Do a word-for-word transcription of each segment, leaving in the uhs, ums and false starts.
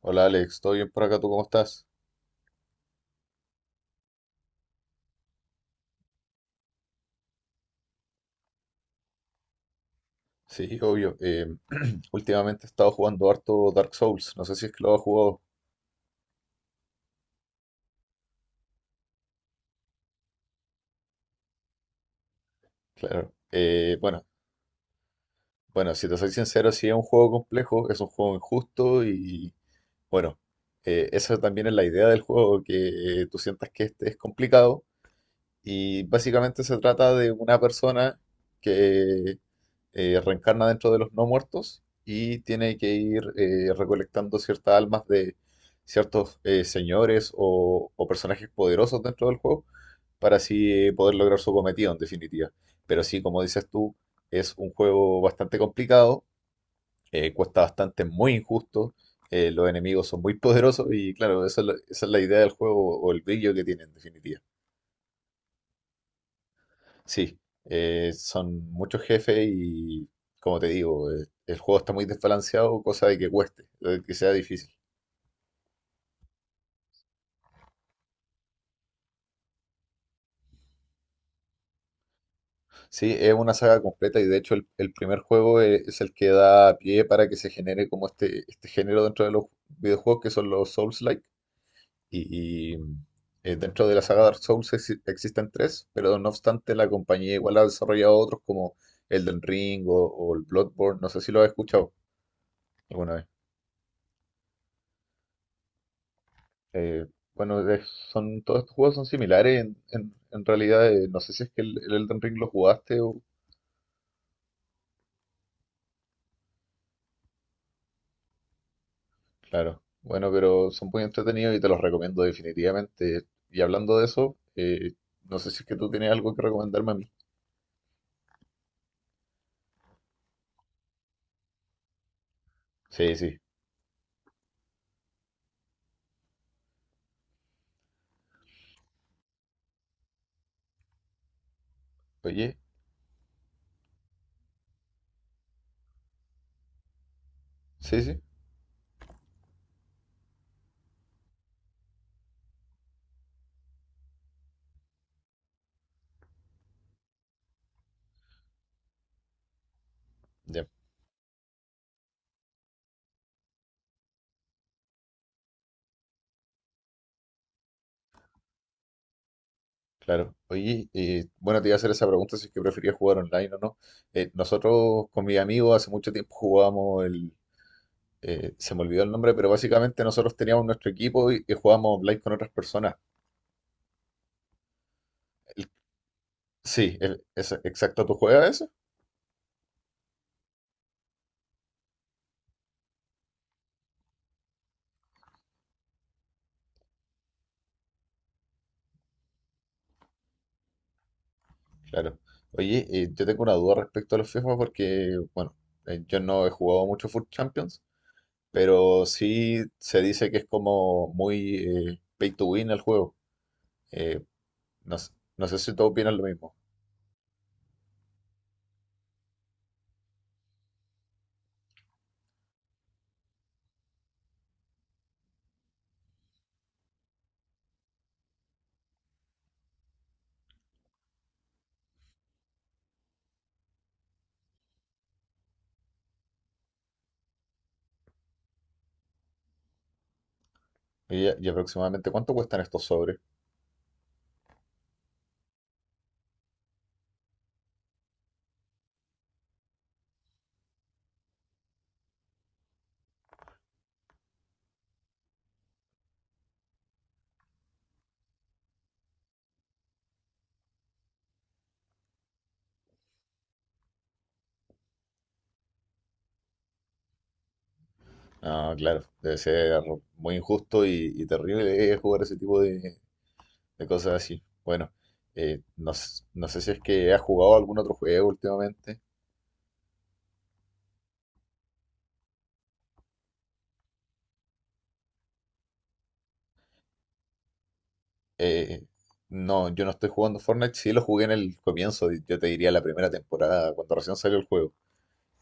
Hola Alex, ¿todo bien por acá? ¿Tú cómo estás? Sí, obvio. eh, últimamente he estado jugando harto Dark Souls. No sé si es que lo has jugado. Claro. Eh, bueno, bueno, si te soy sincero, sí es un juego complejo, es un juego injusto y bueno, eh, esa también es la idea del juego, que eh, tú sientas que este es complicado y básicamente se trata de una persona que eh, reencarna dentro de los no muertos y tiene que ir eh, recolectando ciertas almas de ciertos eh, señores o, o personajes poderosos dentro del juego para así eh, poder lograr su cometido en definitiva. Pero sí, como dices tú, es un juego bastante complicado, eh, cuesta bastante, muy injusto, eh, los enemigos son muy poderosos y claro, esa es la, esa es la idea del juego o el brillo que tiene en definitiva. Sí, eh, son muchos jefes y, como te digo, eh, el juego está muy desbalanceado, cosa de que cueste, de que sea difícil. Sí, es una saga completa y de hecho el, el primer juego e- es, el que da pie para que se genere como este, este género dentro de los videojuegos que son los Souls-like. Y, y, mm, eh, dentro de la saga Dark Souls exi- existen tres, pero no obstante la compañía igual ha desarrollado otros como Elden Ring o, o el Bloodborne, no sé si lo has escuchado alguna vez. Eh, bueno, de- son, todos estos juegos son similares en, en- en realidad. Eh, no sé si es que el, el Elden Ring lo jugaste o... Claro. Bueno, pero son muy entretenidos y te los recomiendo definitivamente. Y hablando de eso, eh, no sé si es que tú tienes algo que recomendarme a mí. Sí, sí. Oye, sí, sí. Ya, claro. Oye, eh, bueno, te iba a hacer esa pregunta si es que preferías jugar online o no. Eh, nosotros con mis amigos hace mucho tiempo jugábamos el... eh, se me olvidó el nombre, pero básicamente nosotros teníamos nuestro equipo y, y jugábamos online con otras personas. Sí, el- es, exacto. ¿Tú juegas eso? Claro. Oye, eh, yo tengo una duda respecto a los FIFA porque, bueno, eh, yo no he jugado mucho Foot Champions, pero sí se dice que es como muy eh, pay to win el juego. Eh, no, s- no sé si tú opinas lo mismo. Oye, ¿Y, aproximadamente cuánto cuestan estos sobres? Ah, claro, debe ser muy injusto y, y terrible eh, jugar ese tipo de, de cosas así. Bueno, eh, no, s- no sé si es que has jugado algún otro juego últimamente. Eh, no, yo no estoy jugando Fortnite. Sí lo jugué en el comienzo, yo te diría la primera temporada, cuando recién salió el juego.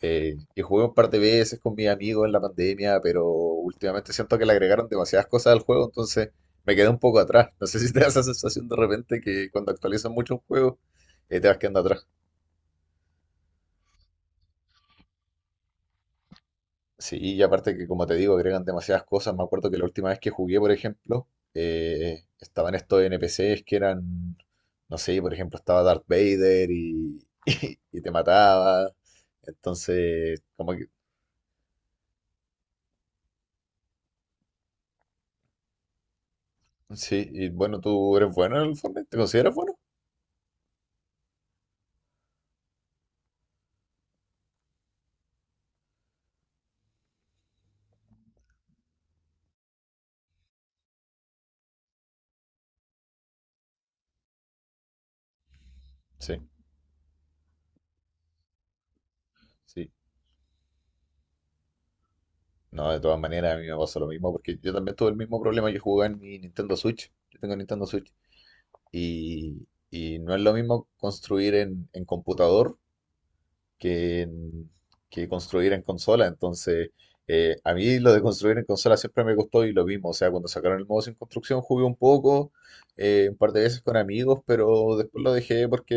Eh, y jugué un par de veces con mis amigos en la pandemia, pero últimamente siento que le agregaron demasiadas cosas al juego, entonces me quedé un poco atrás. No sé si te da esa sensación de repente que cuando actualizan mucho un juego, eh, te vas quedando atrás. Sí, y aparte que como te digo, agregan demasiadas cosas. Me acuerdo que la última vez que jugué, por ejemplo, eh, estaban estos N P C's que eran, no sé, por ejemplo, estaba Darth Vader y, y y te mataba. Entonces, como que, sí, y bueno, tú eres bueno en el Fortnite, ¿te consideras bueno? Sí, sí. No, de todas maneras, a mí me pasó lo mismo, porque yo también tuve el mismo problema. Yo jugaba en mi Nintendo Switch, yo tengo Nintendo Switch, y, y no es lo mismo construir en, en computador que, en- que construir en consola. Entonces, eh, a mí lo de construir en consola siempre me gustó y lo mismo. O sea, cuando sacaron el modo sin construcción jugué un poco, eh, un par de veces con amigos, pero después lo dejé porque,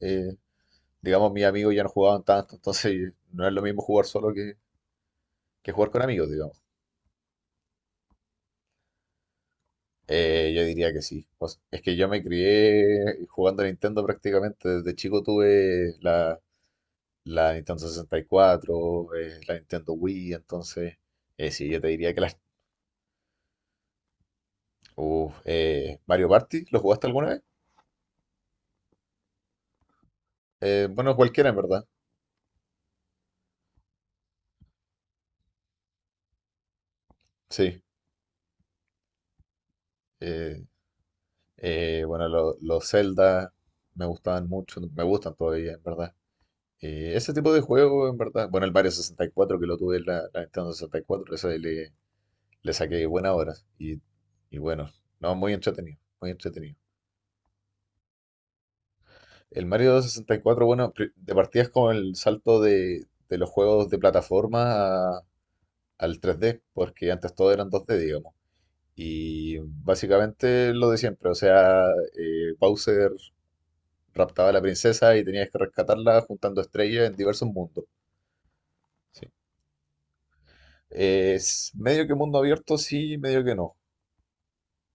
eh, digamos, mis amigos ya no jugaban tanto. Entonces, no es lo mismo jugar solo que, que jugar con amigos, digamos. Eh, yo diría que sí. Pues, es que yo me crié jugando a Nintendo prácticamente. Desde chico tuve la, la Nintendo sesenta y cuatro, eh, la Nintendo Wii, entonces, eh, sí, yo te diría que las... Uf, eh, Mario Party, ¿lo jugaste alguna vez? Eh, bueno, cualquiera en verdad, sí. Eh, eh, bueno, lo- los Zelda me gustaban mucho, me gustan todavía en verdad. Eh, ese tipo de juego en verdad, bueno, el Mario sesenta y cuatro que lo tuve en la, la Nintendo sesenta y cuatro, ese le, le saqué buenas horas y, y bueno, no, muy entretenido, muy entretenido. El Mario sesenta y cuatro, bueno, pri- de partida es como el salto de, de los juegos de plataforma a- al tres D, porque antes todo eran dos D, digamos. Y básicamente lo de siempre, o sea, eh, Bowser raptaba a la princesa y tenías que rescatarla juntando estrellas en diversos mundos. Sí. Es medio que mundo abierto, sí, medio que no.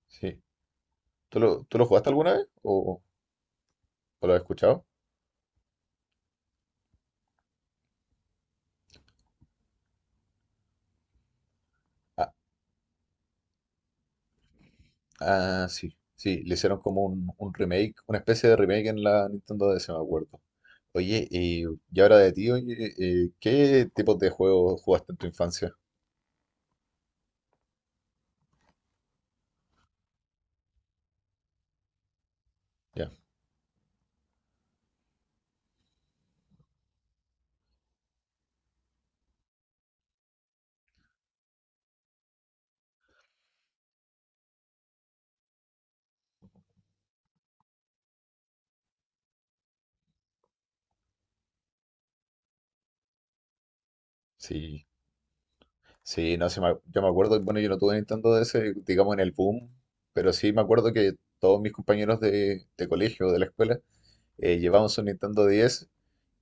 Sí. ¿Tú lo, tú lo jugaste alguna vez o, o lo has escuchado? Ah, ah, sí, sí, le hicieron como un, un remake, una especie de remake en la Nintendo D S, me acuerdo. Oye, y, y ahora de ti, oye, eh, ¿qué tipos de juegos jugaste en tu infancia? Ya, sí, sí, no sé, me ac- yo me acuerdo, bueno, yo no tuve Nintendo D S, digamos, en el boom, pero sí me acuerdo que todos mis compañeros de, de colegio, de la escuela, eh, llevaban su Nintendo diez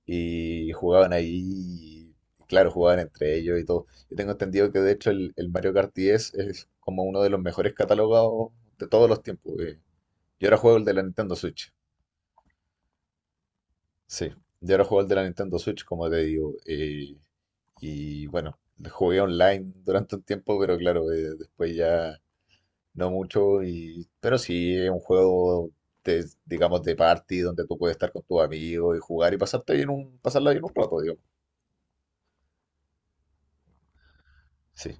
y jugaban ahí, y claro, jugaban entre ellos y todo. Yo tengo entendido que de hecho el, el Mario Kart diez es como uno de los mejores catalogados de todos los tiempos. eh. Yo ahora juego el de la Nintendo Switch. Sí, yo ahora juego el de la Nintendo Switch, como te digo. eh, y bueno, jugué online durante un tiempo, pero claro, eh, después ya no mucho. Y, pero sí, es un juego, de, digamos, de party donde tú puedes estar con tus amigos y jugar y pasarte bien un, pasarla bien un rato, digamos. Sí,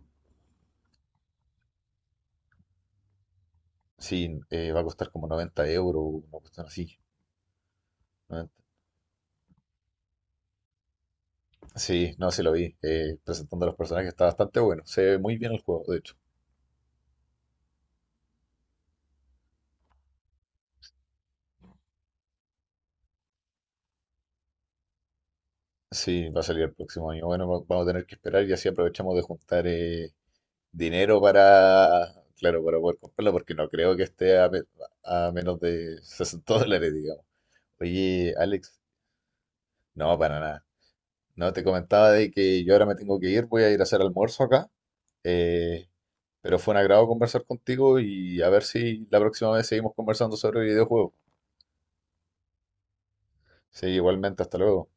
sí, eh, va a costar como noventa euros, una cuestión así. noventa. Sí, no, sí lo vi. eh, presentando a los personajes está bastante bueno. Se ve muy bien el juego, de hecho. Sí, va a salir el próximo año. Bueno, va- vamos a tener que esperar y así aprovechamos de juntar eh, dinero para, claro, para poder comprarla, porque no creo que esté a, me- a menos de sesenta dólares, digamos. Oye, Alex, no, para nada. No, te comentaba de que yo ahora me tengo que ir, voy a ir a hacer almuerzo acá. eh, pero fue un agrado conversar contigo y a ver si la próxima vez seguimos conversando sobre videojuegos. Sí, igualmente, hasta luego.